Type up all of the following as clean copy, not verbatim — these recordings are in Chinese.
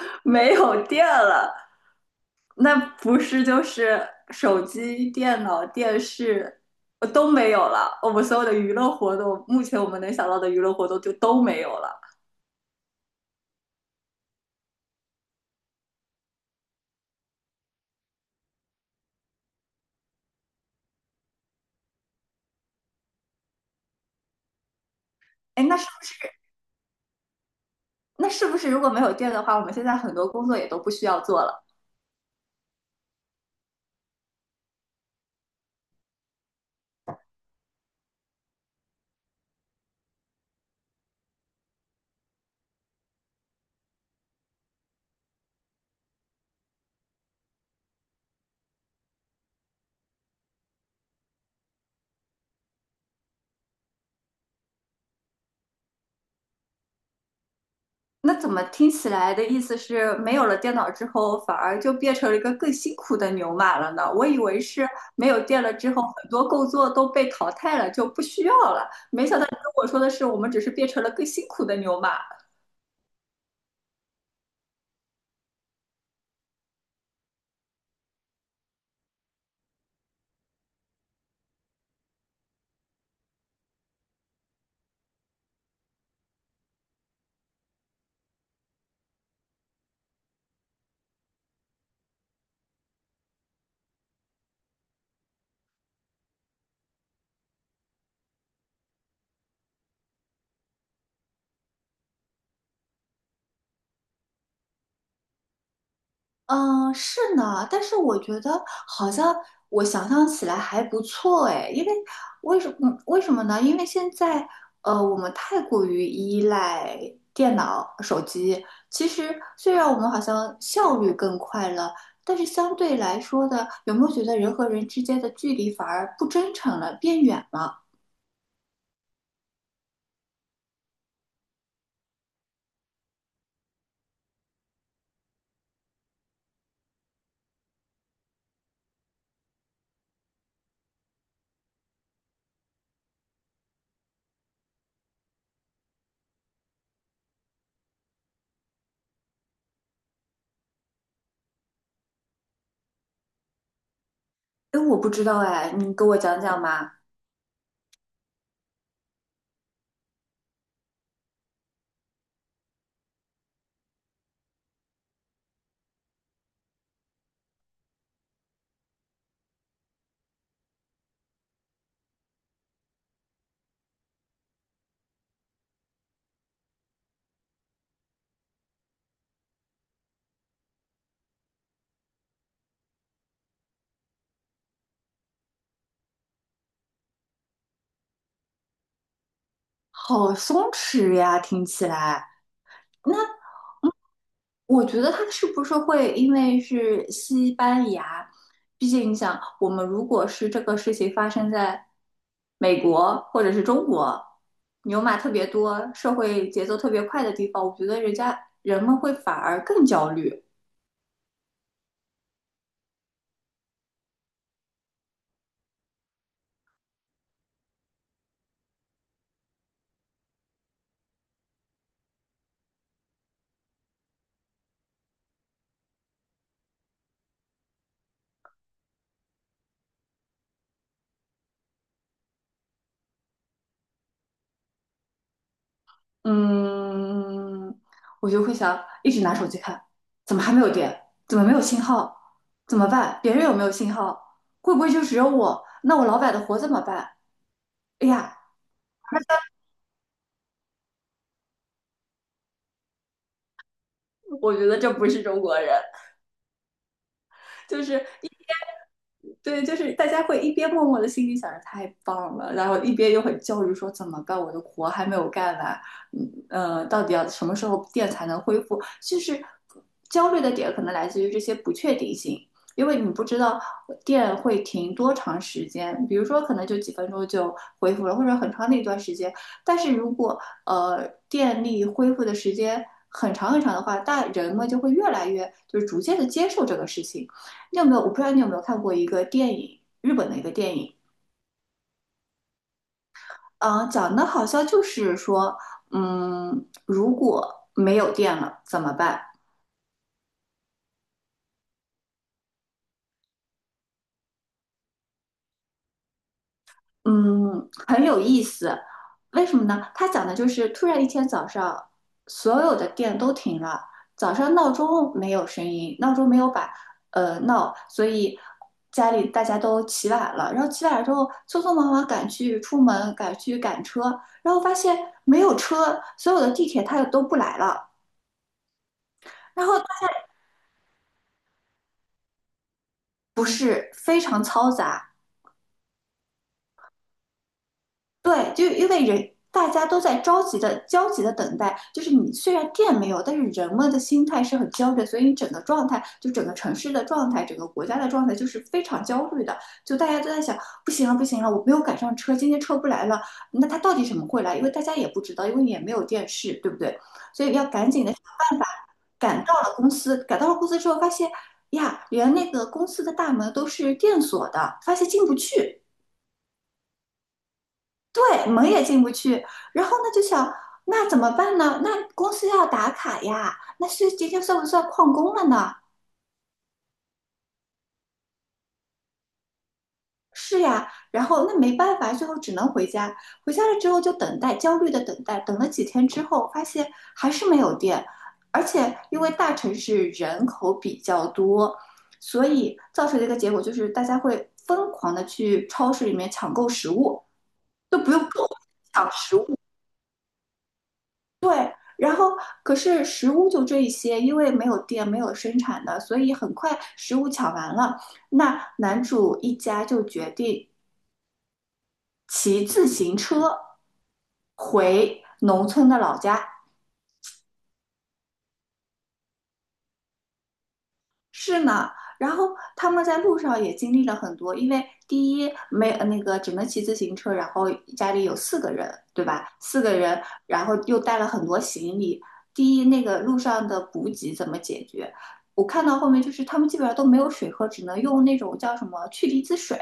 没有电了，那不是就是手机、电脑、电视都没有了。我们所有的娱乐活动，目前我们能想到的娱乐活动就都没有了。哎，那是不是？那是不是如果没有电的话，我们现在很多工作也都不需要做了？那怎么听起来的意思是，没有了电脑之后，反而就变成了一个更辛苦的牛马了呢？我以为是没有电了之后，很多工作都被淘汰了，就不需要了。没想到你跟我说的是，我们只是变成了更辛苦的牛马。嗯，是呢，但是我觉得好像我想象起来还不错哎，因为为什么呢？因为现在我们太过于依赖电脑、手机。其实虽然我们好像效率更快了，但是相对来说的，有没有觉得人和人之间的距离反而不真诚了，变远了？哎，我不知道哎，你给我讲讲嘛。好松弛呀，听起来。我觉得他是不是会因为是西班牙？毕竟你想，我们如果是这个事情发生在美国或者是中国，牛马特别多、社会节奏特别快的地方，我觉得人家人们会反而更焦虑。嗯，我就会想一直拿手机看，怎么还没有电？怎么没有信号？怎么办？别人有没有信号？会不会就只有我？那我老板的活怎么办？哎呀，我觉得这不是中国人。就是一边对，就是大家会一边默默的心里想着太棒了，然后一边又很焦虑说怎么办，我的活还没有干完，到底要什么时候店才能恢复？就是焦虑的点可能来自于这些不确定性。因为你不知道电会停多长时间，比如说可能就几分钟就恢复了，或者很长的一段时间。但是如果电力恢复的时间很长很长的话，大人们就会越来越就是逐渐的接受这个事情，你有没有？我不知道你有没有看过一个电影，日本的一个电影，啊、讲的好像就是说，嗯，如果没有电了怎么办？嗯，很有意思。为什么呢？他讲的就是突然一天早上，所有的店都停了，早上闹钟没有声音，闹钟没有把闹，所以家里大家都起晚了。然后起晚了之后，匆匆忙忙赶去出门，赶去赶车，然后发现没有车，所有的地铁它也都不来了。然后不是非常嘈杂，对，就因为人大家都在着急的、焦急的等待，就是你虽然电没有，但是人们的心态是很焦虑的，所以你整个状态，就整个城市的状态，整个国家的状态就是非常焦虑的。就大家都在想，不行了，不行了，我没有赶上车，今天车不来了。那他到底什么会来？因为大家也不知道，因为也没有电视，对不对？所以要赶紧的想办法赶到了公司。赶到了公司之后，发现呀，连那个公司的大门都是电锁的，发现进不去。对，门也进不去。然后呢，就想那怎么办呢？那公司要打卡呀，那是今天算不算旷工了呢？是呀，然后那没办法，最后只能回家。回家了之后就等待，焦虑的等待，等了几天之后，发现还是没有电，而且因为大城市人口比较多，所以造成的一个结果就是大家会疯狂的去超市里面抢购食物，都不用购，抢食物对，然后可是食物就这一些，因为没有店，没有生产的，所以很快食物抢完了。那男主一家就决定骑自行车回农村的老家，是呢，然后他们在路上也经历了很多，因为第一没呃那个只能骑自行车，然后家里有四个人，对吧？四个人，然后又带了很多行李。第一，那个路上的补给怎么解决？我看到后面就是他们基本上都没有水喝，只能用那种叫什么去离子水，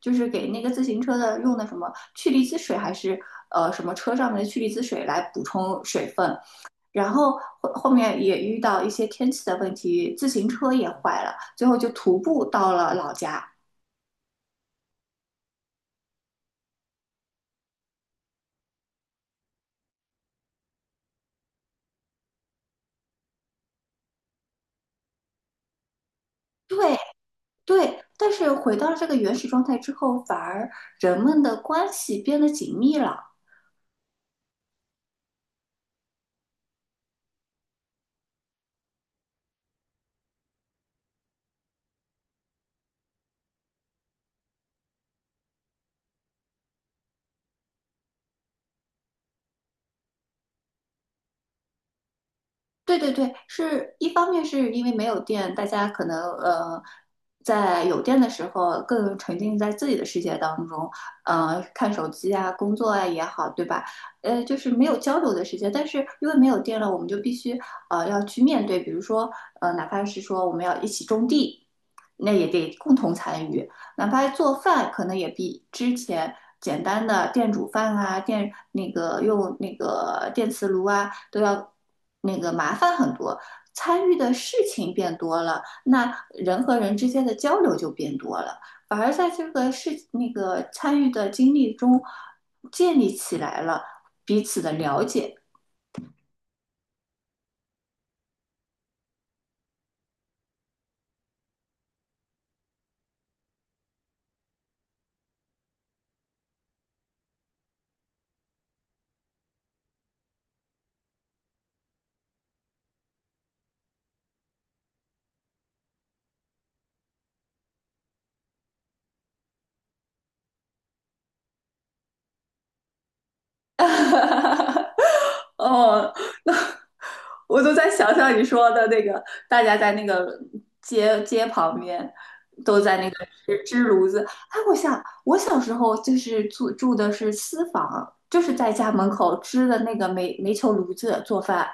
就是给那个自行车的用的什么去离子水还是什么车上面的去离子水来补充水分。然后后面也遇到一些天气的问题，自行车也坏了，最后就徒步到了老家。对对，但是回到了这个原始状态之后，反而人们的关系变得紧密了。对对对，是一方面是因为没有电，大家可能在有电的时候更沉浸在自己的世界当中，看手机啊、工作啊也好，对吧？就是没有交流的时间。但是因为没有电了，我们就必须要去面对，比如说哪怕是说我们要一起种地，那也得共同参与。哪怕做饭，可能也比之前简单的电煮饭啊、电那个用那个电磁炉啊，都要那个麻烦很多。参与的事情变多了，那人和人之间的交流就变多了，反而在这个事那个参与的经历中建立起来了彼此的了解。哦，那我都在想象你说的那个，大家在那个街旁边都在那个支炉子。哎，我想我小时候就是住的是私房，就是在家门口支的那个煤球炉子做饭，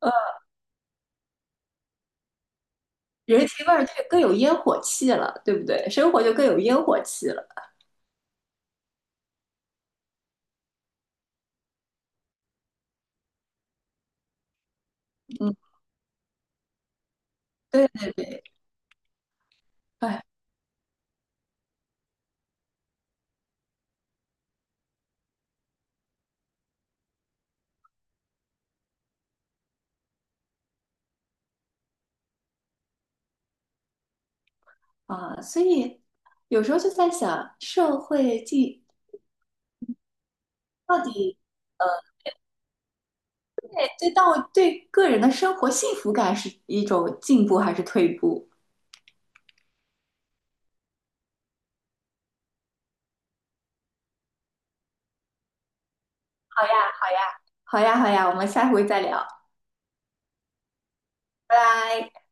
呃，人情味儿却更有烟火气了，对不对？生活就更有烟火气了。嗯，对对对，哎啊，所以有时候就在想，社会进到底对到对个人的生活幸福感是一种进步还是退步？好呀，好呀，我们下回再聊，拜拜。